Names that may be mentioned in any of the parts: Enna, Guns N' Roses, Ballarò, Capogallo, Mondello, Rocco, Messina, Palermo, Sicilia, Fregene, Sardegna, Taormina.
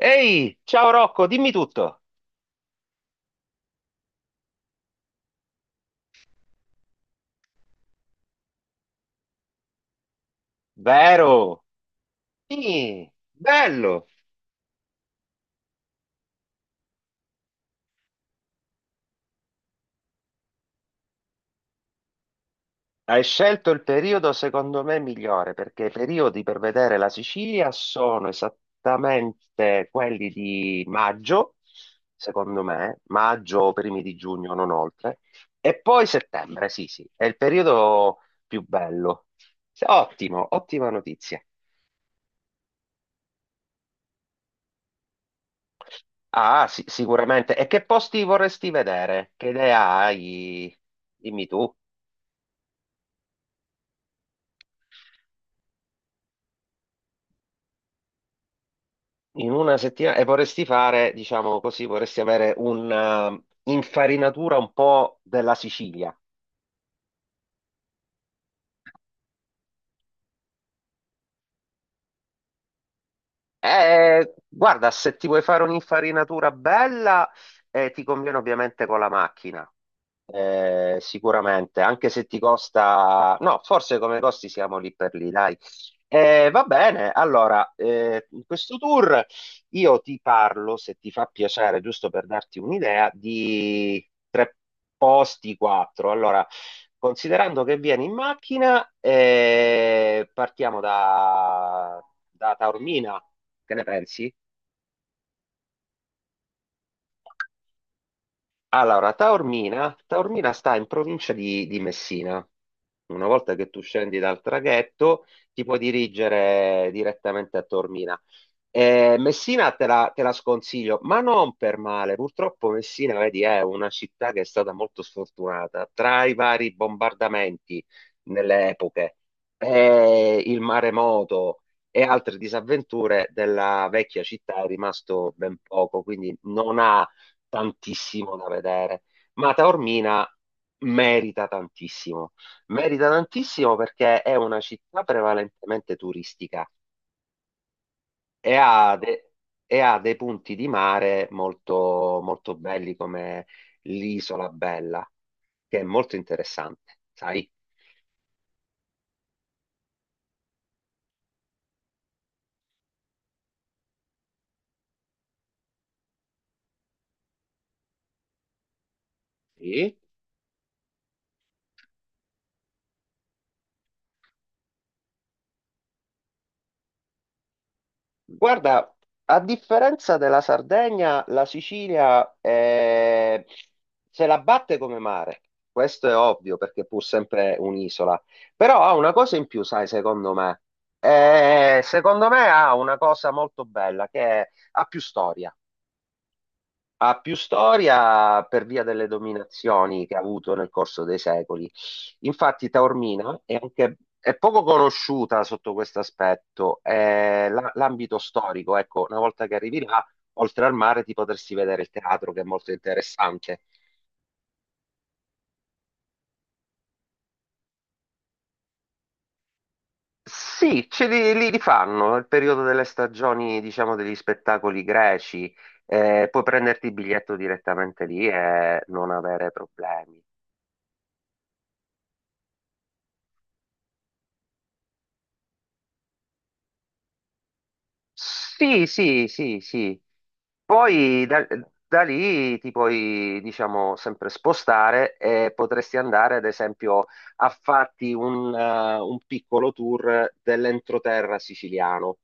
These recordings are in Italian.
Ehi, ciao Rocco, dimmi tutto. Vero? Sì, bello. Hai scelto il periodo secondo me migliore perché i periodi per vedere la Sicilia sono esattamente quelli di maggio, secondo me, maggio o primi di giugno, non oltre, e poi settembre, sì, sì, è il periodo più bello. Sì, ottimo, ottima notizia. Ah, sì, sicuramente. E che posti vorresti vedere? Che idea hai? Dimmi tu. In una settimana e vorresti fare, diciamo così, vorresti avere un'infarinatura un po' della Sicilia. Guarda, se ti vuoi fare un'infarinatura bella, ti conviene ovviamente con la macchina. Sicuramente, anche se ti costa, no, forse come costi siamo lì per lì, dai. Va bene, allora, in questo tour io ti parlo, se ti fa piacere, giusto per darti un'idea, di tre posti, quattro. Allora, considerando che vieni in macchina, partiamo da, da Taormina, che ne pensi? Allora, Taormina, Taormina sta in provincia di Messina. Una volta che tu scendi dal traghetto, ti puoi dirigere direttamente a Taormina. Messina te la sconsiglio, ma non per male. Purtroppo Messina, vedi, è una città che è stata molto sfortunata. Tra i vari bombardamenti nelle epoche, il maremoto e altre disavventure della vecchia città è rimasto ben poco, quindi non ha tantissimo da vedere. Ma Taormina merita tantissimo. Merita tantissimo perché è una città prevalentemente turistica e ha, e ha dei punti di mare molto, molto belli come l'Isola Bella, che è molto interessante, sai? Sì. Guarda, a differenza della Sardegna, la Sicilia se la batte come mare. Questo è ovvio perché è pur sempre un'isola. Però ha una cosa in più, sai, secondo me. Secondo me ha una cosa molto bella ha più storia. Ha più storia per via delle dominazioni che ha avuto nel corso dei secoli. Infatti, Taormina è anche è poco conosciuta sotto questo aspetto. L'ambito storico, ecco, una volta che arrivi là, oltre al mare, ti potresti vedere il teatro, che è molto interessante. Sì, ce li, li rifanno nel periodo delle stagioni, diciamo, degli spettacoli greci. Puoi prenderti il biglietto direttamente lì e non avere problemi. Sì, sì, sì, sì. Poi da, da lì ti puoi, diciamo, sempre spostare e potresti andare, ad esempio, a farti un piccolo tour dell'entroterra siciliano,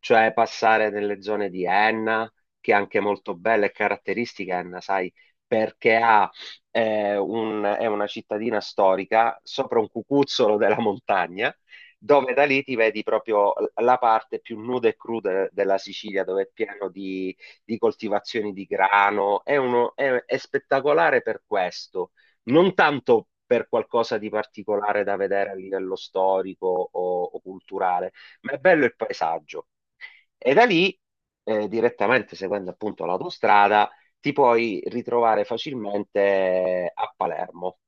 cioè passare nelle zone di Enna, che è anche molto bella e caratteristica Enna, sai, perché ha, è una cittadina storica sopra un cucuzzolo della montagna dove da lì ti vedi proprio la parte più nuda e cruda della Sicilia, dove è pieno di coltivazioni di grano, è, uno, è spettacolare per questo, non tanto per qualcosa di particolare da vedere a livello storico o culturale, ma è bello il paesaggio. E da lì, direttamente seguendo appunto l'autostrada, ti puoi ritrovare facilmente a Palermo.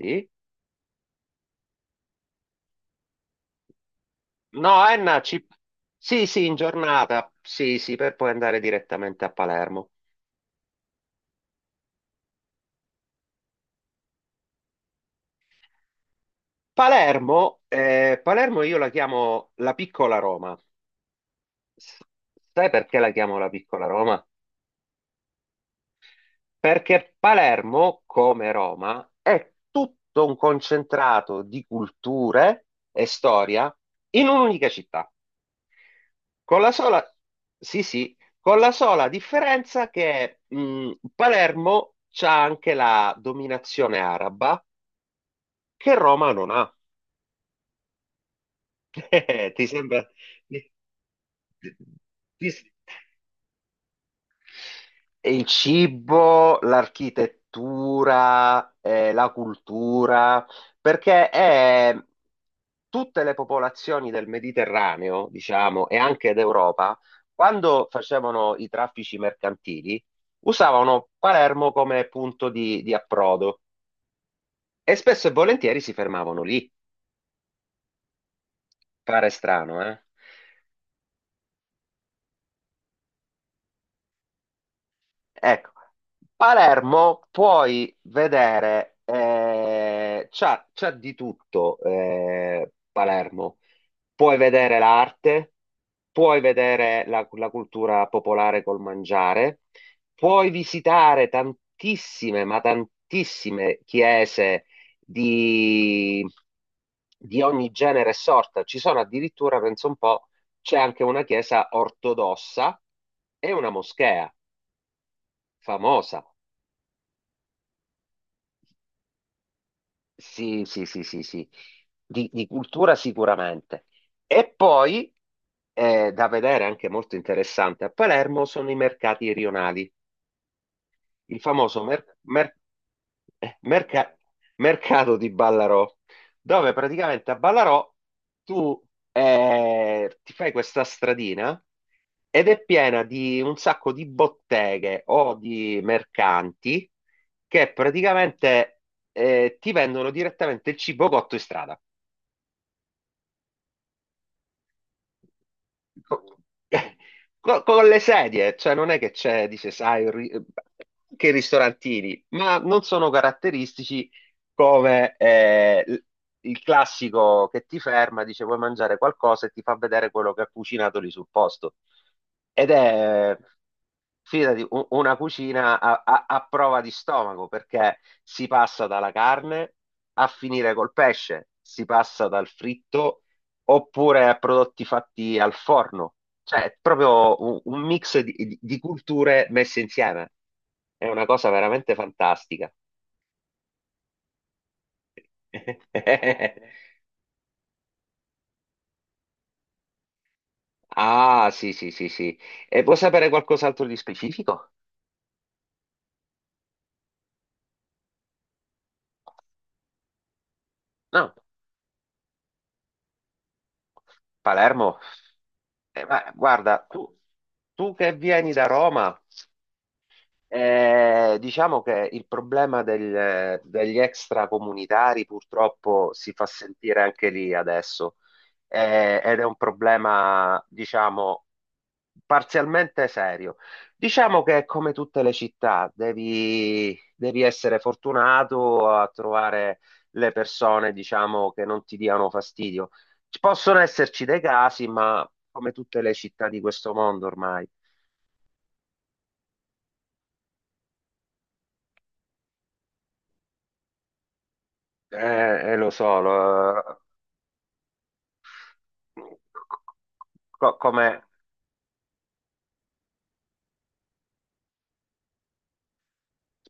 Sì? No, Enna, ci... sì, sì, in giornata, sì, sì, per poi andare direttamente a Palermo. Palermo, Palermo io la chiamo la piccola Roma. S- Sai perché la chiamo la piccola Roma? Perché Palermo, come Roma, è tutto un concentrato di culture e storia in un'unica città, con la sola, sì, sì, con la sola differenza che Palermo c'ha anche la dominazione araba che Roma non ha. Ti sembra? Ti, E il cibo, l'architettura, la cultura, perché tutte le popolazioni del Mediterraneo, diciamo, e anche d'Europa, quando facevano i traffici mercantili, usavano Palermo come punto di approdo e spesso e volentieri si fermavano lì. Pare strano, eh? Ecco, Palermo puoi vedere, c'ha, c'ha di tutto Palermo. Puoi vedere l'arte, puoi vedere la, la cultura popolare col mangiare, puoi visitare tantissime, ma tantissime chiese di, di ogni genere e sorta. Ci sono addirittura, penso un po', c'è anche una chiesa ortodossa e una moschea. Famosa, sì, sì, sì, sì, sì, di cultura sicuramente. E poi, da vedere anche molto interessante a Palermo, sono i mercati rionali. Il famoso eh, merca- mercato di Ballarò, dove praticamente a Ballarò tu ti fai questa stradina ed è piena di un sacco di botteghe o di mercanti che praticamente ti vendono direttamente il cibo cotto in strada. co- con le sedie, cioè non è che c'è, dice, sai, che i ristorantini, ma non sono caratteristici come il classico che ti ferma, dice, vuoi mangiare qualcosa e ti fa vedere quello che ha cucinato lì sul posto. Ed è, fidati, una cucina a, a prova di stomaco, perché si passa dalla carne a finire col pesce, si passa dal fritto oppure a prodotti fatti al forno. Cioè, è proprio un mix di, di culture messe insieme. È una cosa veramente fantastica. Ah, sì, sì, sì, sì. E vuoi sapere qualcos'altro di specifico? No, Palermo. Ma guarda, tu che vieni da Roma. Diciamo che il problema degli extracomunitari purtroppo si fa sentire anche lì adesso. Ed è un problema, diciamo, parzialmente serio. Diciamo che è come tutte le città, devi, devi essere fortunato a trovare le persone, diciamo, che non ti diano fastidio. Ci possono esserci dei casi, ma come tutte le città di questo mondo ormai. Lo so, come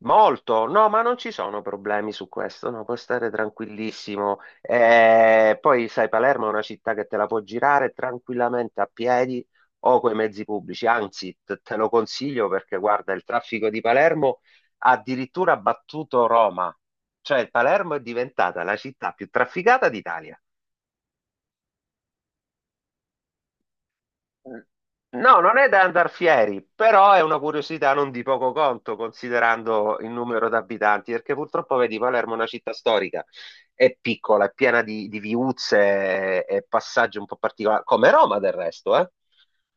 molto, no, ma non ci sono problemi su questo, no, puoi stare tranquillissimo. Poi sai, Palermo è una città che te la può girare tranquillamente a piedi o coi mezzi pubblici, anzi, te lo consiglio perché guarda, il traffico di Palermo ha addirittura battuto Roma, cioè Palermo è diventata la città più trafficata d'Italia. Eh, No, non è da andar fieri, però è una curiosità non di poco conto considerando il numero di abitanti, perché purtroppo vedi Palermo è una città storica, è piccola, è piena di viuzze e passaggi un po' particolari, come Roma del resto, eh?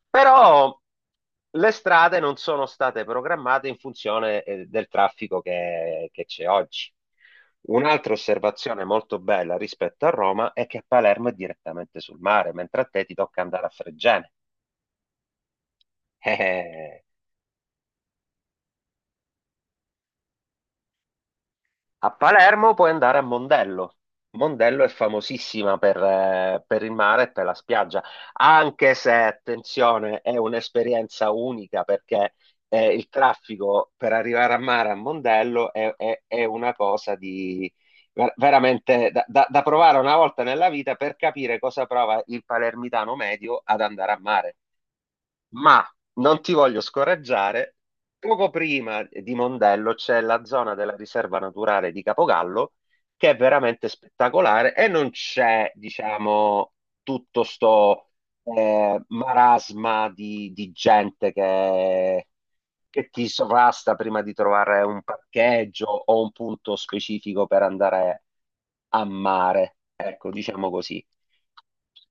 Però le strade non sono state programmate in funzione del traffico che c'è oggi. Un'altra osservazione molto bella rispetto a Roma è che a Palermo è direttamente sul mare, mentre a te ti tocca andare a Fregene. Eh, a Palermo puoi andare a Mondello. Mondello è famosissima per il mare e per la spiaggia, anche se, attenzione, è un'esperienza unica perché il traffico per arrivare a mare a Mondello è, è una cosa di veramente da, da provare una volta nella vita per capire cosa prova il palermitano medio ad andare a mare. Ma non ti voglio scoraggiare, poco prima di Mondello c'è la zona della riserva naturale di Capogallo che è veramente spettacolare e non c'è, diciamo, tutto sto marasma di gente che ti sovrasta prima di trovare un parcheggio o un punto specifico per andare a mare. Ecco, diciamo così.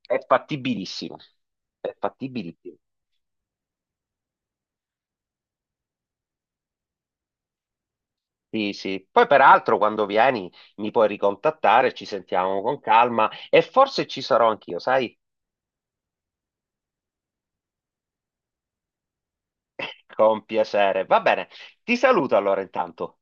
È fattibilissimo. È fattibilissimo. Sì, sì. Poi peraltro quando vieni mi puoi ricontattare, ci sentiamo con calma e forse ci sarò anch'io, sai? Con piacere. Va bene, ti saluto allora intanto.